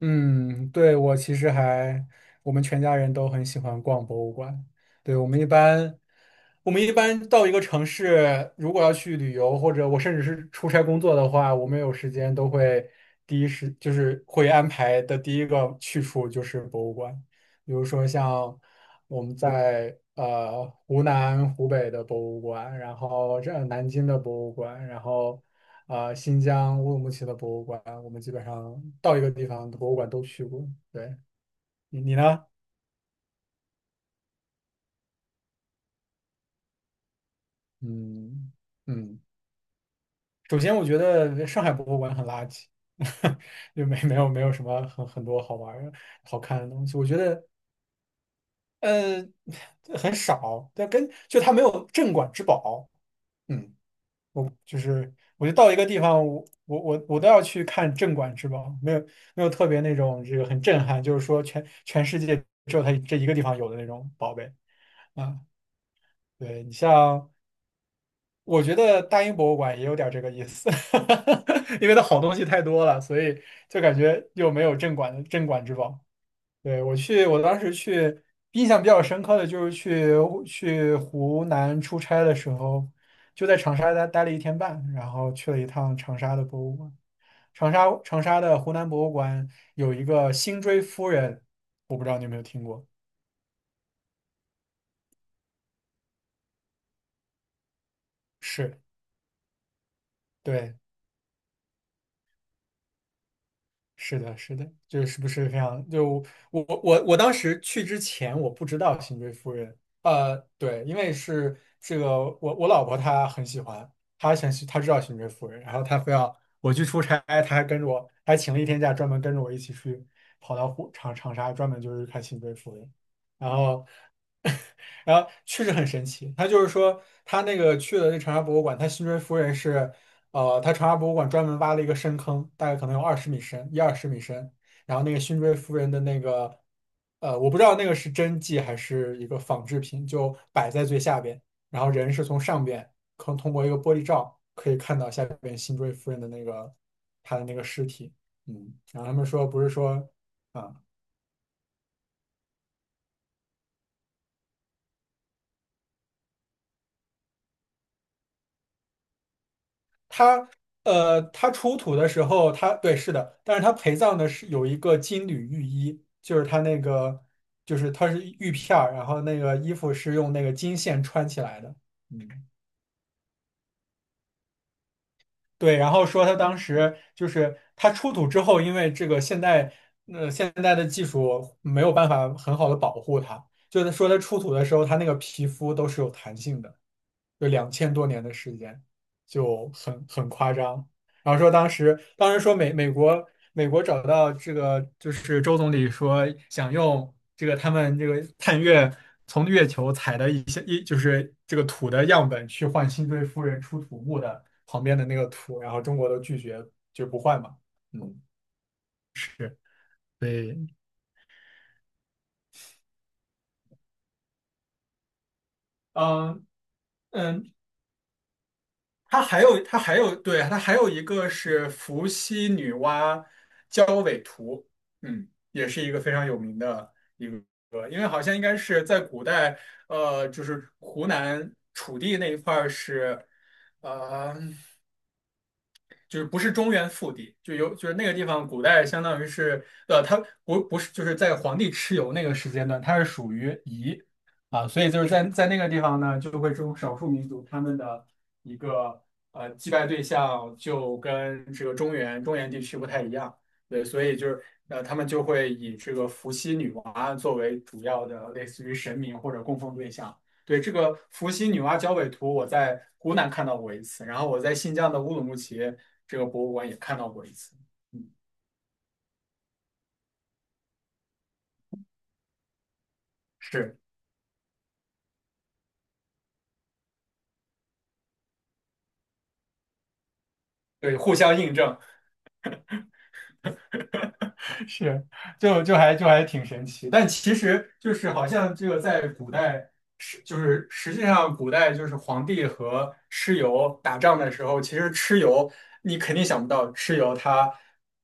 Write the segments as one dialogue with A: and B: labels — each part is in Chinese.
A: 嗯，对，我其实还，我们全家人都很喜欢逛博物馆。对，我们一般到一个城市，如果要去旅游，或者我甚至是出差工作的话，我们有时间都会第一时就是会安排的第一个去处就是博物馆。比如说像我们在湖南、湖北的博物馆，然后南京的博物馆，然后新疆乌鲁木齐的博物馆，我们基本上到一个地方的博物馆都去过。对，你呢？嗯嗯，首先我觉得上海博物馆很垃圾，就没有什么很多好玩儿好看的东西。我觉得呃很少，但它没有镇馆之宝。嗯。就是我就到一个地方，我都要去看镇馆之宝，没有特别那种这个很震撼，就是说全世界只有它这一个地方有的那种宝贝啊。对你像，我觉得大英博物馆也有点这个意思，因为它好东西太多了，所以就感觉又没有镇馆之宝。对，我当时去，印象比较深刻的就是去湖南出差的时候，就在长沙待了一天半，然后去了一趟长沙的博物馆。长沙的湖南博物馆有一个辛追夫人，我不知道你有没有听过？是，对。是的，是的，就是不是这样？就我当时去之前，我不知道《新追夫人》。对，因为是这个，我老婆她很喜欢，她想去，她知道《新追夫人》，然后她非要我去出差，她还跟着我，还请了一天假，专门跟着我一起去跑到长沙，专门就是看《新追夫人》。然后然后确实很神奇，他就是说他那个去的这长沙博物馆，他辛追夫人是，他长沙博物馆专门挖了一个深坑，大概可能有二十米深，一二十米深。然后那个辛追夫人的那个，我不知道那个是真迹还是一个仿制品，就摆在最下边，然后人是从上边，可通过一个玻璃罩可以看到下边辛追夫人的那个他的那个尸体。嗯，然后他们说不是说。啊。他他出土的时候，他对是的，但是他陪葬的是有一个金缕玉衣，就是他那个就是他是玉片儿，然后那个衣服是用那个金线穿起来的。嗯对，然后说他当时就是他出土之后，因为这个现代的技术没有办法很好的保护它，就是说他出土的时候，他那个皮肤都是有弹性的。有2000多年的时间，就很夸张。然后说当时说美国找到这个就是周总理说想用这个他们这个探月从月球采的一些就是这个土的样本去换辛追夫人出土墓的旁边的那个土，然后中国都拒绝就不换嘛。嗯，是，对，嗯嗯，它还有它还有对，它还有一个是伏羲女娲交尾图，嗯，也是一个非常有名的，因为好像应该是在古代，就是湖南楚地那一块儿是，呃，就是不是中原腹地，就有就是那个地方，古代相当于是它不是就是在皇帝蚩尤那个时间段，它是属于夷啊，所以就是在那个地方呢，就会这种少数民族他们的一个祭拜对象就跟这个中原地区不太一样，对，所以就是他们就会以这个伏羲女娲作为主要的类似于神明或者供奉对象。对，这个伏羲女娲交尾图，我在湖南看到过一次，然后我在新疆的乌鲁木齐这个博物馆也看到过一次。嗯，是，对，互相印证。是，就挺神奇，但其实就是好像这个在古代是就是实际上古代就是皇帝和蚩尤打仗的时候，其实蚩尤你肯定想不到蚩尤他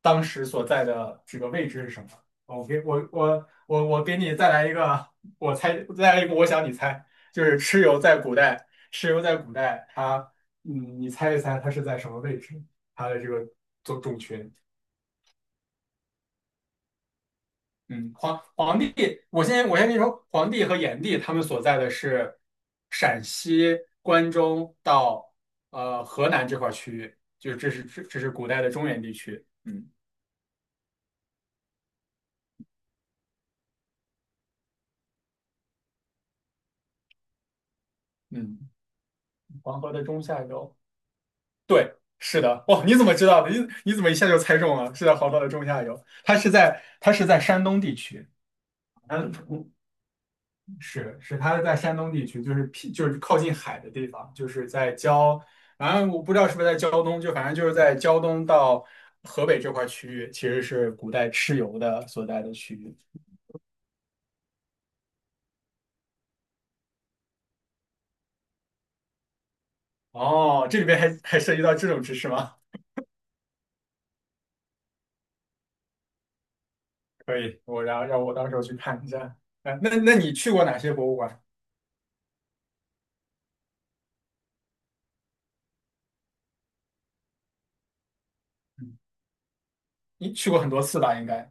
A: 当时所在的这个位置是什么。我给我我我我给你再来一个，我猜再来一个，我想你猜，就是蚩尤在古代嗯，你猜一猜他是在什么位置？他的这个种群。嗯，皇帝，我先跟你说，皇帝和炎帝他们所在的是陕西关中到河南这块区域，就是这是古代的中原地区。嗯嗯，黄河的中下游。对，是的。哇，你怎么知道的？你怎么一下就猜中了？是在黄河的中下游，它是在山东地区。嗯，是是，他是在山东地区，就是僻就是靠近海的地方，就是在胶，反正我不知道是不是在胶东，就反正就是在胶东到河北这块区域，其实是古代蚩尤的所在的区域。哦，这里边还涉及到这种知识吗？可以，然后让我到时候去看一下。哎，那你去过哪些博物馆？你去过很多次吧，应该。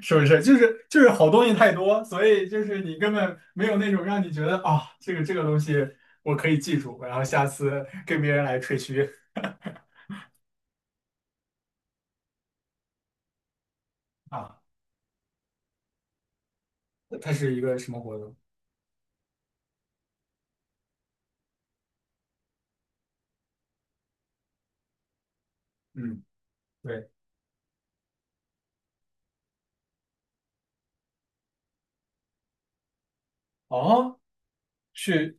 A: 是不是？就是好东西太多，所以就是你根本没有那种让你觉得啊，这个东西我可以记住，然后下次跟别人来吹嘘啊，它是一个什么活动？嗯，对，哦，是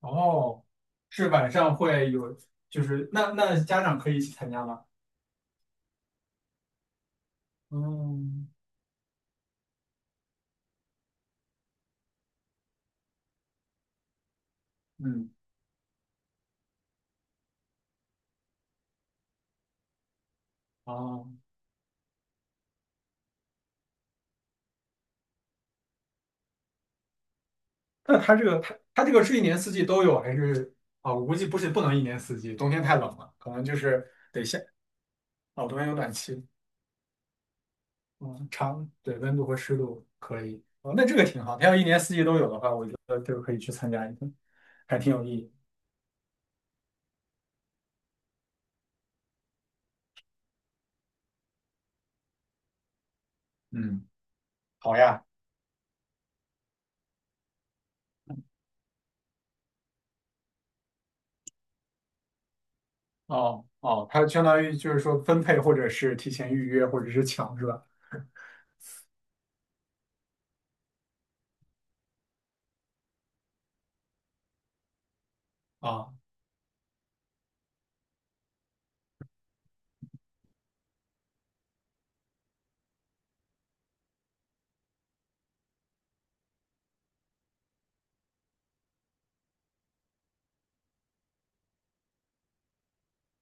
A: 哦，是晚上会有，就是那家长可以一起参加吗？嗯嗯，哦，那它这个它这个是一年四季都有还是啊？我估计不是不能一年四季，冬天太冷了，可能就是得夏哦，冬天有暖气。嗯，对，温度和湿度可以。哦，那这个挺好。它要一年四季都有的话，我觉得就可以去参加一个，还挺有意义。嗯，好呀。哦哦，它相当于就是说分配，或者是提前预约，或者是抢，是吧？啊，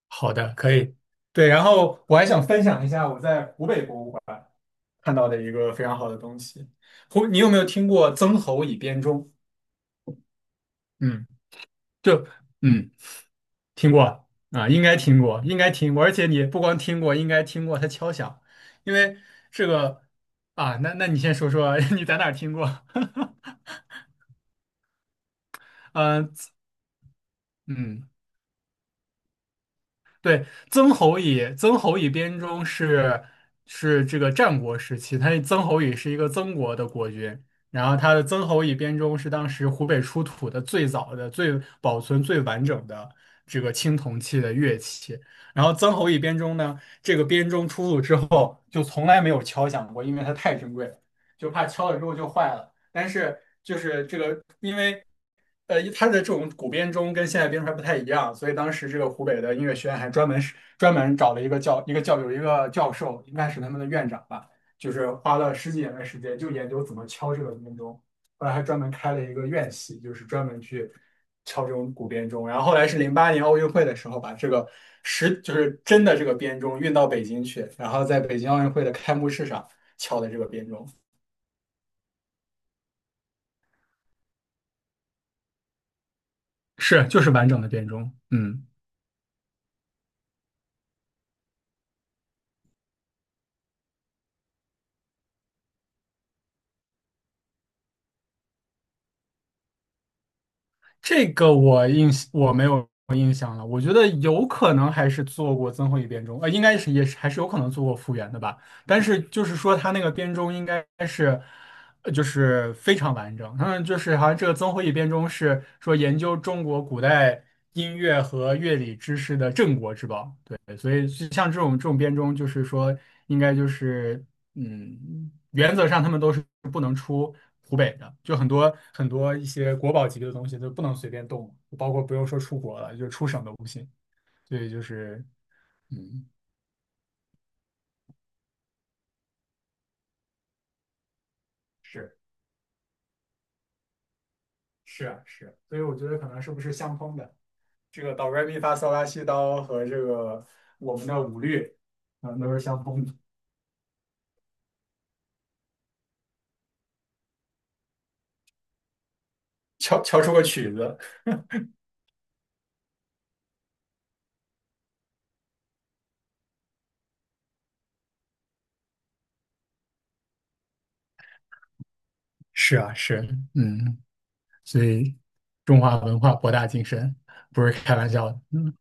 A: 好的，可以。对，然后我还想分享一下我在湖北博物馆看到的一个非常好的东西。你有没有听过曾侯乙编钟？嗯，就嗯。听过啊，应该听过，应该听过，而且你不光听过，应该听过它敲响，因为这个啊，那你先说说 你在哪儿听过？嗯、嗯。对，曾侯乙编钟是这个战国时期，他曾侯乙是一个曾国的国君，然后他的曾侯乙编钟是当时湖北出土的最早的、最保存最完整的这个青铜器的乐器。然后曾侯乙编钟呢，这个编钟出土之后就从来没有敲响过，因为它太珍贵了，就怕敲了之后就坏了。但是就是这个，因为它的这种古编钟跟现在编钟还不太一样，所以当时这个湖北的音乐学院还专门找了一个教一个教有一个教授，应该是他们的院长吧，就是花了十几年的时间就研究怎么敲这个编钟，后来还专门开了一个院系，就是专门去敲这种古编钟。然后后来是08年奥运会的时候，把这个实就是真的这个编钟运到北京去，然后在北京奥运会的开幕式上敲的这个编钟。是，就是完整的编钟。嗯，这个我没有印象了。我觉得有可能还是做过曾侯乙编钟，应该是也是还是有可能做过复原的吧。但是就是说他那个编钟应该是，就是非常完整。嗯，就是好像这个曾侯乙编钟是说研究中国古代音乐和乐理知识的镇国之宝。对，所以像这种编钟，就是说应该就是。嗯，原则上他们都是不能出湖北的，就很多很多一些国宝级的东西都不能随便动，包括不用说出国了，就出省都不行。所以就是，嗯，是是啊是，所以我觉得可能是不是相通的，这个哆来咪发嗦拉西哆和这个我们的五律，嗯，都是相通的，敲出个曲子。是啊是，嗯，所以中华文化博大精深，不是开玩笑的。嗯。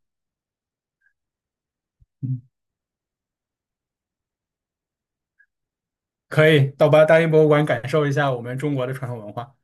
A: 可以到大英博物馆感受一下我们中国的传统文化。